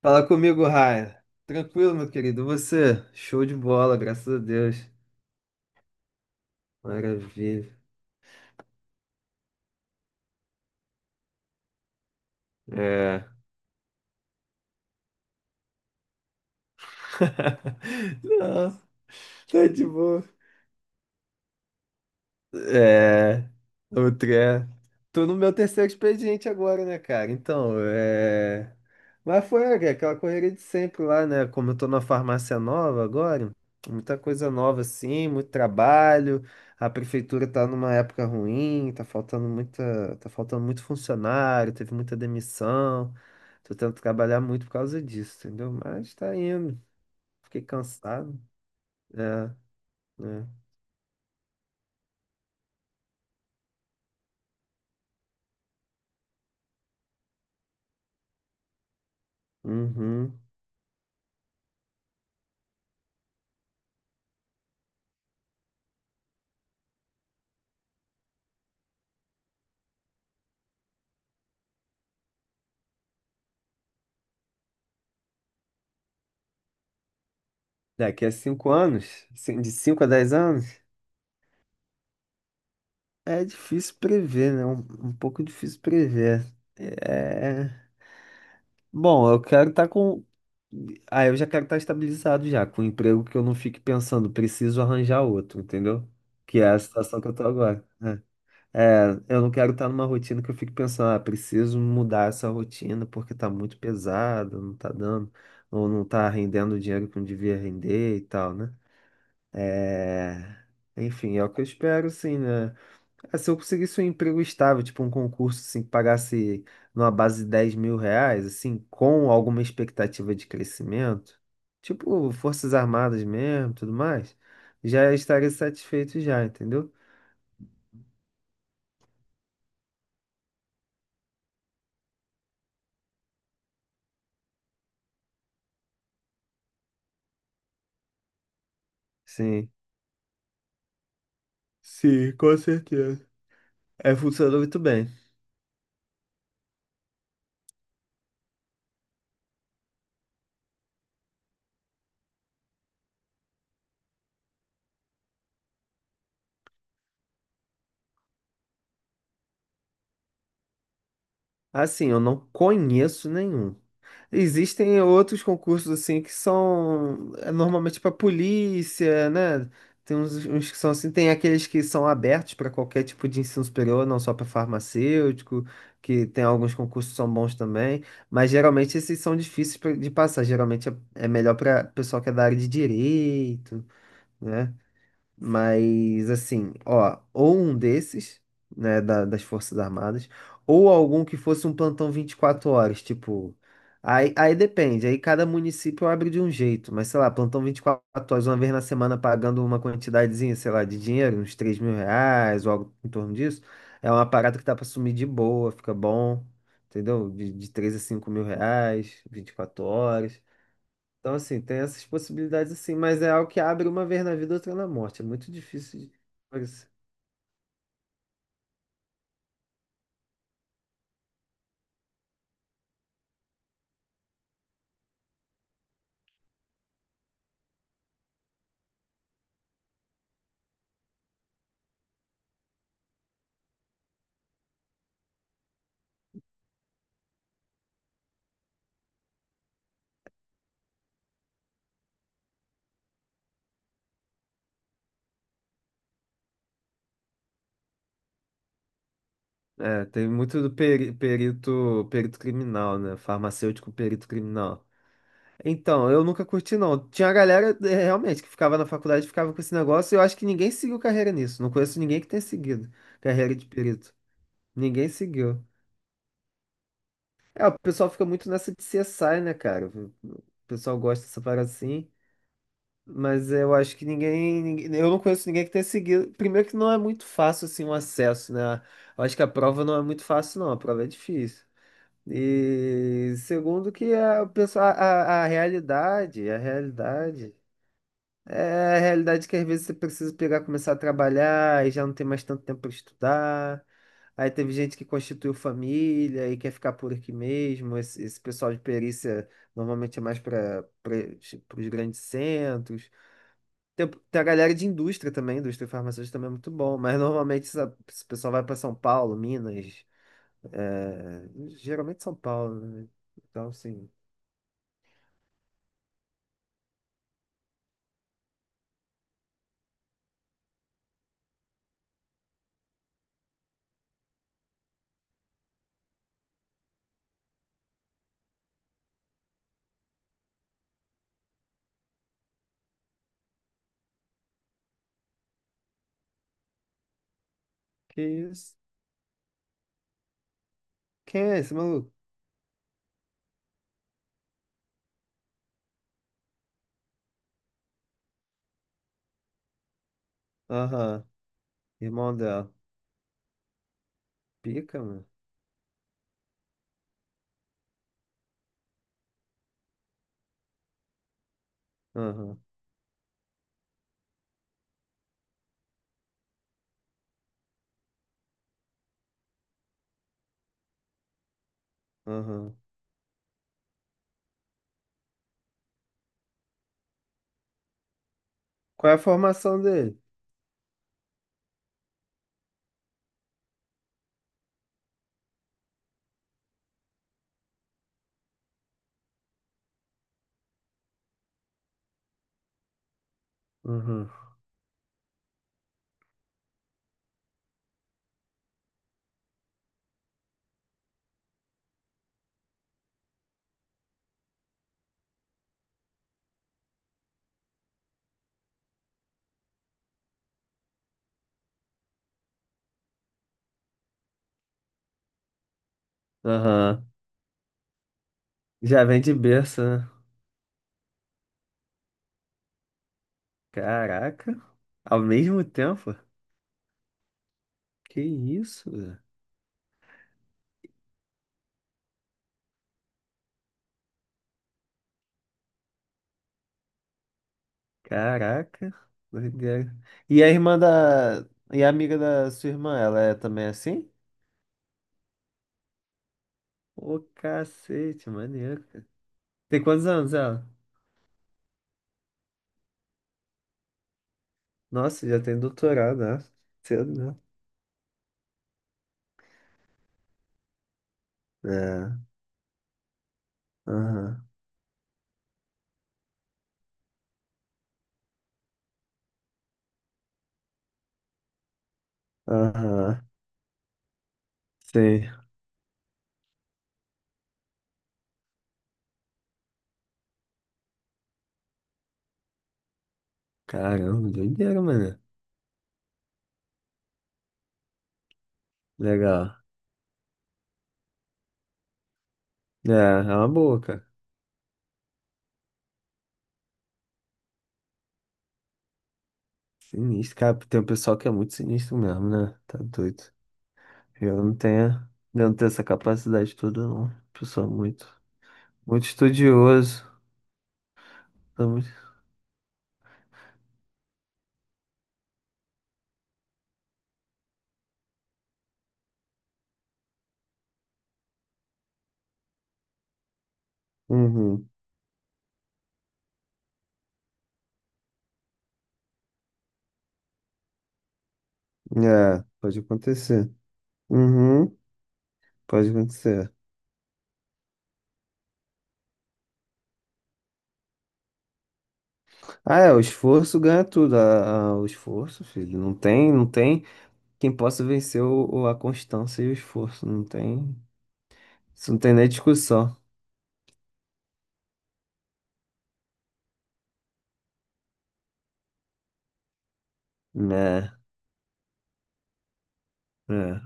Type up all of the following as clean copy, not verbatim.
Fala comigo, Raia. Tranquilo, meu querido. Você? Show de bola, graças a Deus. Maravilha. É. Não, tá de boa. É, outro é. Tô no meu terceiro expediente agora, né, cara? Então, é. Mas foi aquela correria de sempre lá, né? Como eu tô na farmácia nova agora, muita coisa nova assim, muito trabalho. A prefeitura tá numa época ruim, tá faltando muito funcionário, teve muita demissão. Tô tentando trabalhar muito por causa disso, entendeu? Mas tá indo. Fiquei cansado. É, é. Uhum. Daqui a 5 anos, assim, de 5 a 10 anos, é difícil prever, né? Um pouco difícil prever. É... Bom, eu quero estar com. Ah, eu já quero estar estabilizado já, com um emprego que eu não fique pensando, preciso arranjar outro, entendeu? Que é a situação que eu tô agora, né? É, eu não quero estar numa rotina que eu fique pensando, ah, preciso mudar essa rotina porque tá muito pesada, não tá dando, ou não tá rendendo o dinheiro que eu devia render e tal, né? É, Enfim, é o que eu espero, sim, né? Ah, se eu conseguisse um emprego estável, tipo um concurso, assim, que pagasse numa base de 10 mil reais, assim, com alguma expectativa de crescimento, tipo Forças Armadas mesmo, tudo mais, já estaria satisfeito já, entendeu? Sim. Sim, com certeza. É, funcionou muito bem. Assim, eu não conheço nenhum. Existem outros concursos assim que são normalmente para polícia, né? Tem uns que são assim, tem aqueles que são abertos para qualquer tipo de ensino superior, não só para farmacêutico, que tem alguns concursos que são bons também, mas geralmente esses são difíceis de passar. Geralmente é melhor para pessoal que é da área de direito, né? Mas assim, ó, ou um desses, né, das Forças Armadas, ou algum que fosse um plantão 24 horas, tipo. Aí depende, aí cada município abre de um jeito, mas sei lá, plantão 24 horas, uma vez na semana pagando uma quantidadezinha, sei lá, de dinheiro, uns 3 mil reais ou algo em torno disso, é uma parada que dá pra sumir de boa, fica bom, entendeu? De 3 a cinco mil reais, 24 horas. Então, assim, tem essas possibilidades, assim, mas é algo que abre uma vez na vida, outra na morte. É muito difícil de. É, tem muito do perito, perito criminal, né? Farmacêutico perito criminal. Então, eu nunca curti, não. Tinha a galera, realmente, que ficava na faculdade, ficava com esse negócio, e eu acho que ninguém seguiu carreira nisso. Não conheço ninguém que tenha seguido carreira de perito. Ninguém seguiu. É, o pessoal fica muito nessa de CSI, né, cara? O pessoal gosta dessa parada assim. Mas eu acho que eu não conheço ninguém que tenha seguido. Primeiro que não é muito fácil assim o acesso, né? Eu acho que a prova não é muito fácil, não. A prova é difícil. E segundo que a realidade, a realidade. É a realidade que às vezes você precisa pegar, começar a trabalhar e já não tem mais tanto tempo para estudar. Aí teve gente que constituiu família e quer ficar por aqui mesmo. Esse pessoal de perícia normalmente é mais para os grandes centros. Tem a galera de indústria também, indústria farmacêutica também é muito bom, mas normalmente esse pessoal vai para São Paulo, Minas, é, geralmente São Paulo, né? Então, assim, que isso? Quem é esse maluco? Aham, irmão dela. Pica, mano. Aham, aham. Qual é a formação dele? Aham, aham. Já vem de berço, né? Caraca, ao mesmo tempo? Que isso? Caraca, doideira. E a irmã da. E a amiga da sua irmã, ela é também assim? Ô, cacete, maneiro. Tem quantos anos ela? Nossa, já tem doutorado, né? Cedo, né? É, aham, aham. Sei. Caramba, doideira, mano. Legal. É, é uma boa, cara. Sinistro, cara. Tem um pessoal que é muito sinistro mesmo, né? Tá doido. Eu não tenho, eu não tenho essa capacidade toda, não. Pessoal muito, muito estudioso. Uhum. É, pode acontecer. Uhum. Pode acontecer. Ah, é, o esforço ganha tudo. Ah, o esforço, filho. Não tem quem possa vencer a constância e o esforço. Não tem. Isso não tem nem discussão. Né? É,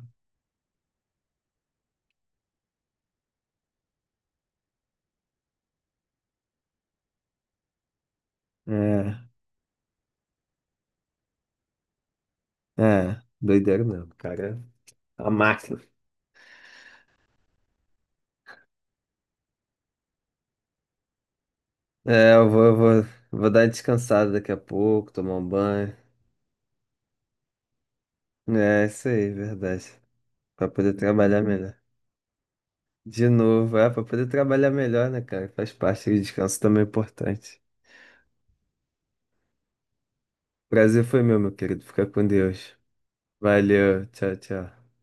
é, é. Doideira mesmo, cara. A máquina. É, vou dar uma descansada daqui a pouco, tomar um banho. É, isso aí, verdade. Pra poder trabalhar melhor. De novo, pra poder trabalhar melhor, né, cara? Faz parte, o descanso também é importante. Prazer foi meu, meu querido. Fica com Deus. Valeu, tchau, tchau.